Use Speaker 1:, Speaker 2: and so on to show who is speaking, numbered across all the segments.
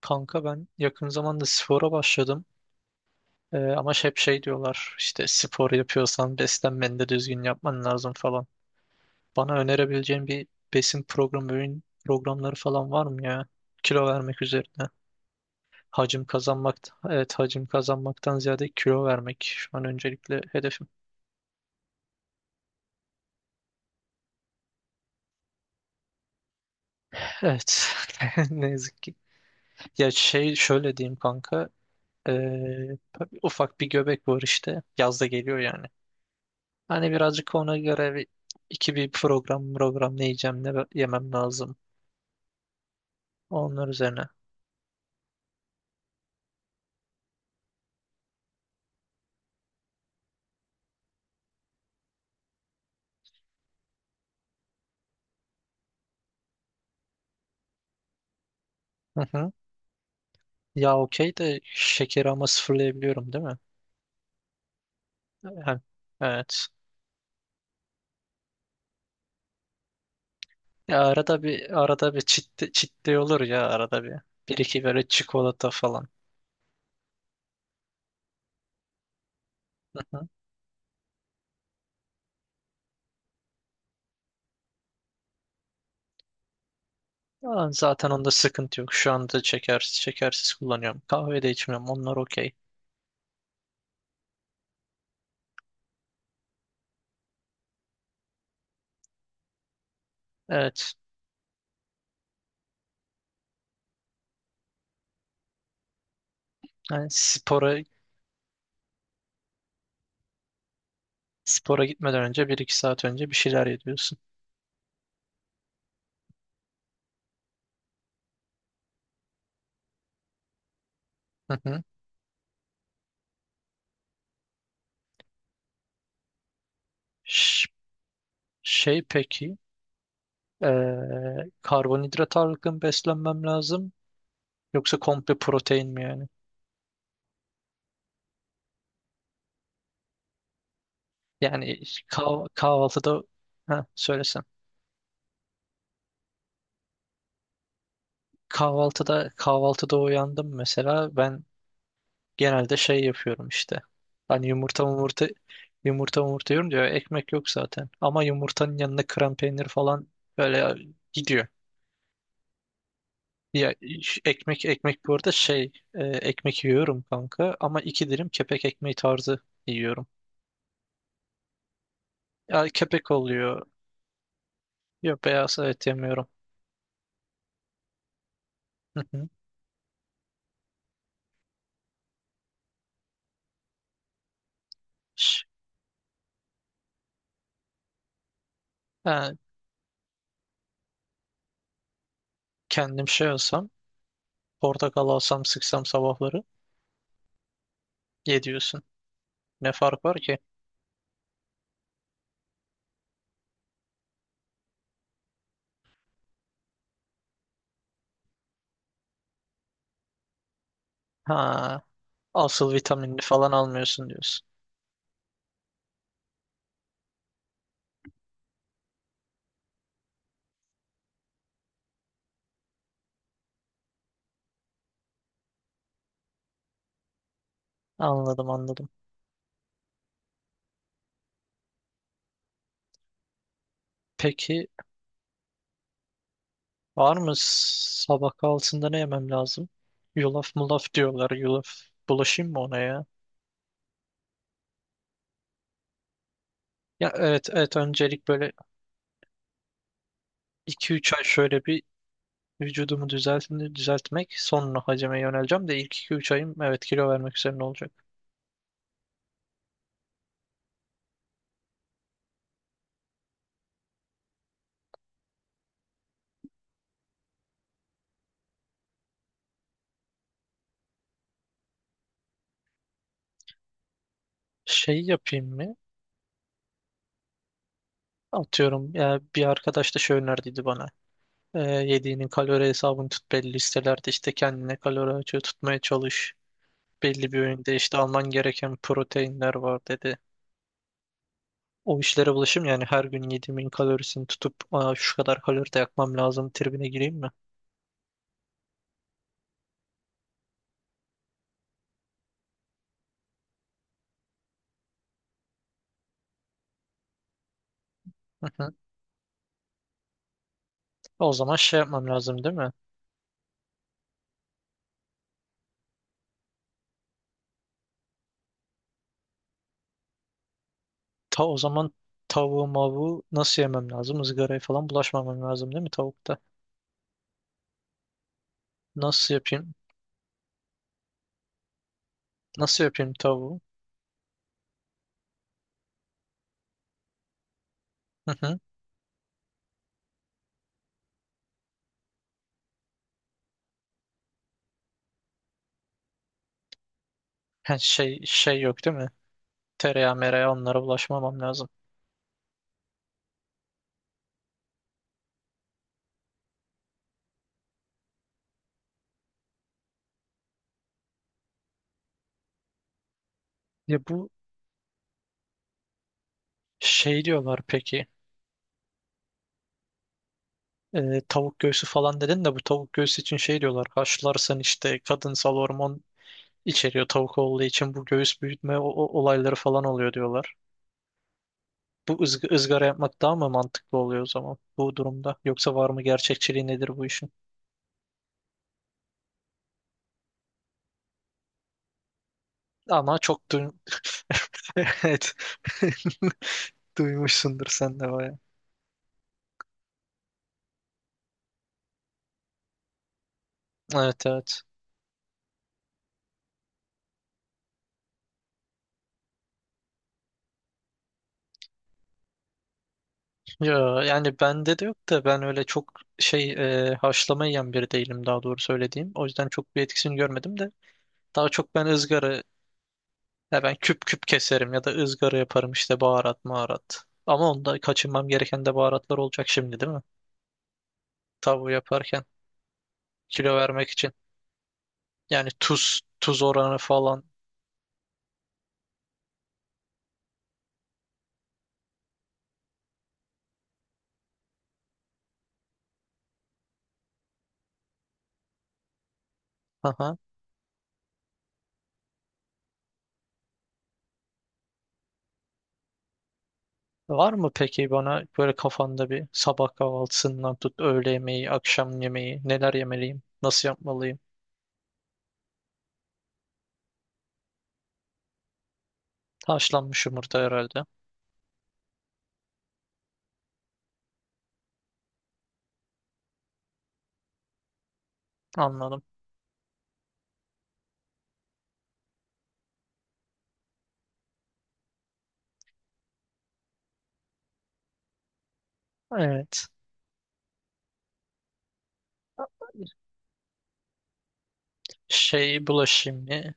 Speaker 1: Kanka ben yakın zamanda spora başladım. Ama hep şey diyorlar işte, spor yapıyorsan beslenmeni de düzgün yapman lazım falan. Bana önerebileceğin bir besin programı, öğün programları falan var mı ya? Kilo vermek üzerine. Hacim kazanmak, evet, hacim kazanmaktan ziyade kilo vermek şu an öncelikle hedefim. Evet, ne yazık ki. Ya şey şöyle diyeyim kanka. ee, Ufak bir göbek var işte. Yaz da geliyor yani. Hani birazcık ona göre bir, iki bir program ne yiyeceğim ne yemem lazım. Onlar üzerine. Hı hı. Ya okey de şekeri ama sıfırlayabiliyorum değil mi? Hem, evet. Ya arada bir çit çitli olur ya arada bir. Bir iki böyle çikolata falan. Hı hı. Ya zaten onda sıkıntı yok. Şu anda şekersiz kullanıyorum. Kahve de içmiyorum. Onlar okey. Evet. Yani spora gitmeden önce bir iki saat önce bir şeyler yediyorsun. Hı hı. Ş- Şey peki. Karbonhidrat ağırlıklı mı beslenmem lazım? Yoksa komple protein mi yani? Yani kahvaltıda, ha, söylesen. Kahvaltıda uyandım mesela ben genelde şey yapıyorum işte. Hani yumurta yumurta yiyorum diyor. Ekmek yok zaten. Ama yumurtanın yanına krem peynir falan böyle gidiyor. Ya ekmek bu arada şey ekmek yiyorum kanka, ama iki dilim kepek ekmeği tarzı yiyorum. Ya kepek oluyor. Yok, beyaz et yemiyorum. Hı hı. Ş- Ha, kendim şey olsam, portakal alsam sıksam sabahları, ye diyorsun. Ne fark var ki? Ha, asıl vitaminini falan almıyorsun diyorsun. Anladım, anladım. Peki var mı sabah kahvaltısında ne yemem lazım? Yulaf mulaf diyorlar. Yulaf bulaşayım mı ona ya? Ya evet, evet, öncelik böyle iki üç ay şöyle bir vücudumu düzeltmek, sonra hacime yöneleceğim de ilk 2-3 ayım evet kilo vermek üzerine olacak. Şey yapayım mı? Atıyorum ya, bir arkadaş da şey önerdiydi bana. Yediğinin kalori hesabını tut belli listelerde, işte kendine kalori açığı tutmaya çalış. Belli bir öğünde işte alman gereken proteinler var dedi. O işlere bulaşım yani, her gün yediğimin kalorisini tutup, aa, şu kadar kalori de yakmam lazım tribine gireyim mi? Hı hı. O zaman şey yapmam lazım değil mi? Ta o zaman tavuğu mavuğu nasıl yemem lazım? Izgaraya falan bulaşmamam lazım değil mi tavukta? Nasıl yapayım? Nasıl yapayım tavuğu? Hı hı. Ha, şey yok değil mi? Tereyağı mereyağı, onlara bulaşmamam lazım. Ya bu şey diyorlar peki. Tavuk göğsü falan dedin de, bu tavuk göğsü için şey diyorlar. Haşlarsan işte kadınsal hormon içeriyor tavuk olduğu için, bu göğüs büyütme olayları falan oluyor diyorlar. Bu ızgara yapmak daha mı mantıklı oluyor o zaman bu durumda? Yoksa var mı gerçekçiliği, nedir bu işin? Ama Evet. Duymuşsundur sen de bayağı. Evet, evet. Ya yani bende de yok da, ben öyle çok şey haşlama yiyen biri değilim, daha doğru söylediğim. O yüzden çok bir etkisini görmedim de. Daha çok ben ızgara, ya ben küp küp keserim ya da ızgara yaparım işte, baharat maharat. Ama onda kaçınmam gereken de baharatlar olacak şimdi değil mi? Tavuğu yaparken, kilo vermek için. Yani tuz oranı falan. Aha. Var mı peki bana böyle kafanda bir, sabah kahvaltısından tut öğle yemeği, akşam yemeği, neler yemeliyim, nasıl yapmalıyım? Haşlanmış yumurta herhalde. Anladım. Evet. Şey bulaşayım mı?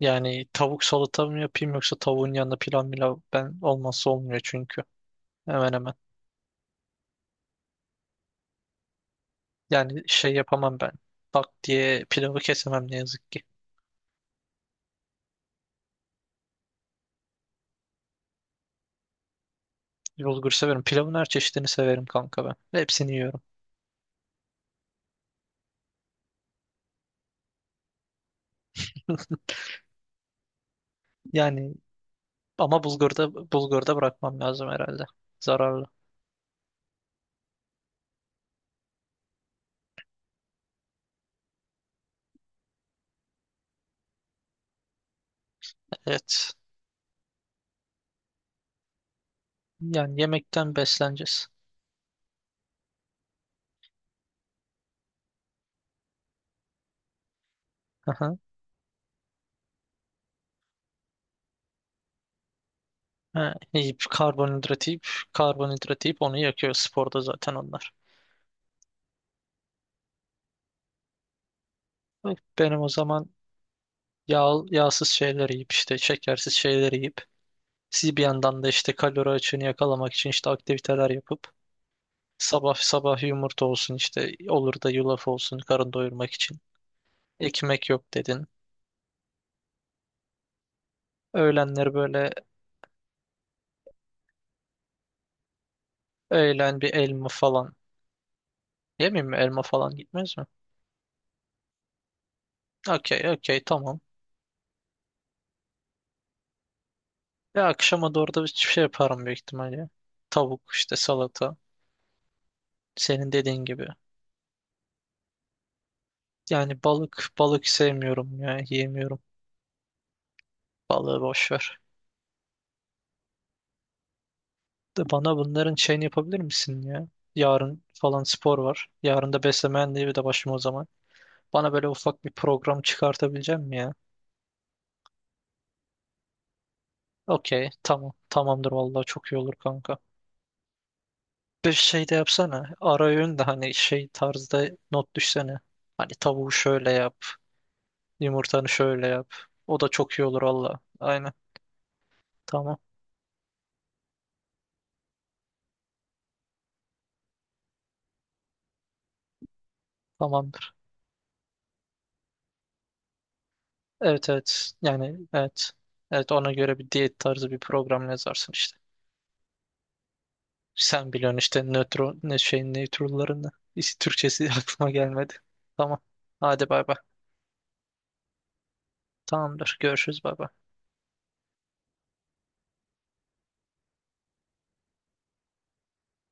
Speaker 1: Yani tavuk salata mı yapayım, yoksa tavuğun yanında pilav milav, ben olmazsa olmuyor çünkü. Hemen hemen. Yani şey yapamam ben. Tak diye pilavı kesemem ne yazık ki. Bulgur severim. Pilavın her çeşidini severim kanka ben. Hepsini yiyorum. Yani ama bulgurda bırakmam lazım herhalde. Zararlı. Evet. Yani yemekten besleneceğiz. Aha. Ha, yiyip karbonhidrat yiyip onu yakıyor sporda zaten onlar. Benim o zaman yağsız şeyler yiyip, işte şekersiz şeyler yiyip, siz bir yandan da işte kalori açığını yakalamak için işte aktiviteler yapıp, sabah yumurta olsun, işte olur da yulaf olsun karın doyurmak için. Ekmek yok dedin. Öğlenleri böyle bir elma falan. Yemeyeyim mi, elma falan gitmez mi? Okey, okey, tamam. Ve akşama doğru da bir şey yaparım büyük ihtimalle. Tavuk işte, salata. Senin dediğin gibi. Yani balık, sevmiyorum ya, yiyemiyorum. Balığı boş ver. De bana bunların şeyini yapabilir misin ya? Yarın falan spor var. Yarın da beslenme mühendiği de başım o zaman. Bana böyle ufak bir program çıkartabilecek mi ya? Okey, tamam. Tamamdır vallahi, çok iyi olur kanka. Bir şey de yapsana. Ara öğün de hani şey tarzda not düşsene. Hani tavuğu şöyle yap, yumurtanı şöyle yap. O da çok iyi olur valla. Aynen. Tamam. Tamamdır. Evet, evet. Yani evet. Evet, ona göre bir diyet tarzı bir program yazarsın işte. Sen biliyorsun işte nötron ne şey nötrullarını. Türkçesi aklıma gelmedi. Tamam. Hadi bay bay. Tamamdır. Görüşürüz, bay bay.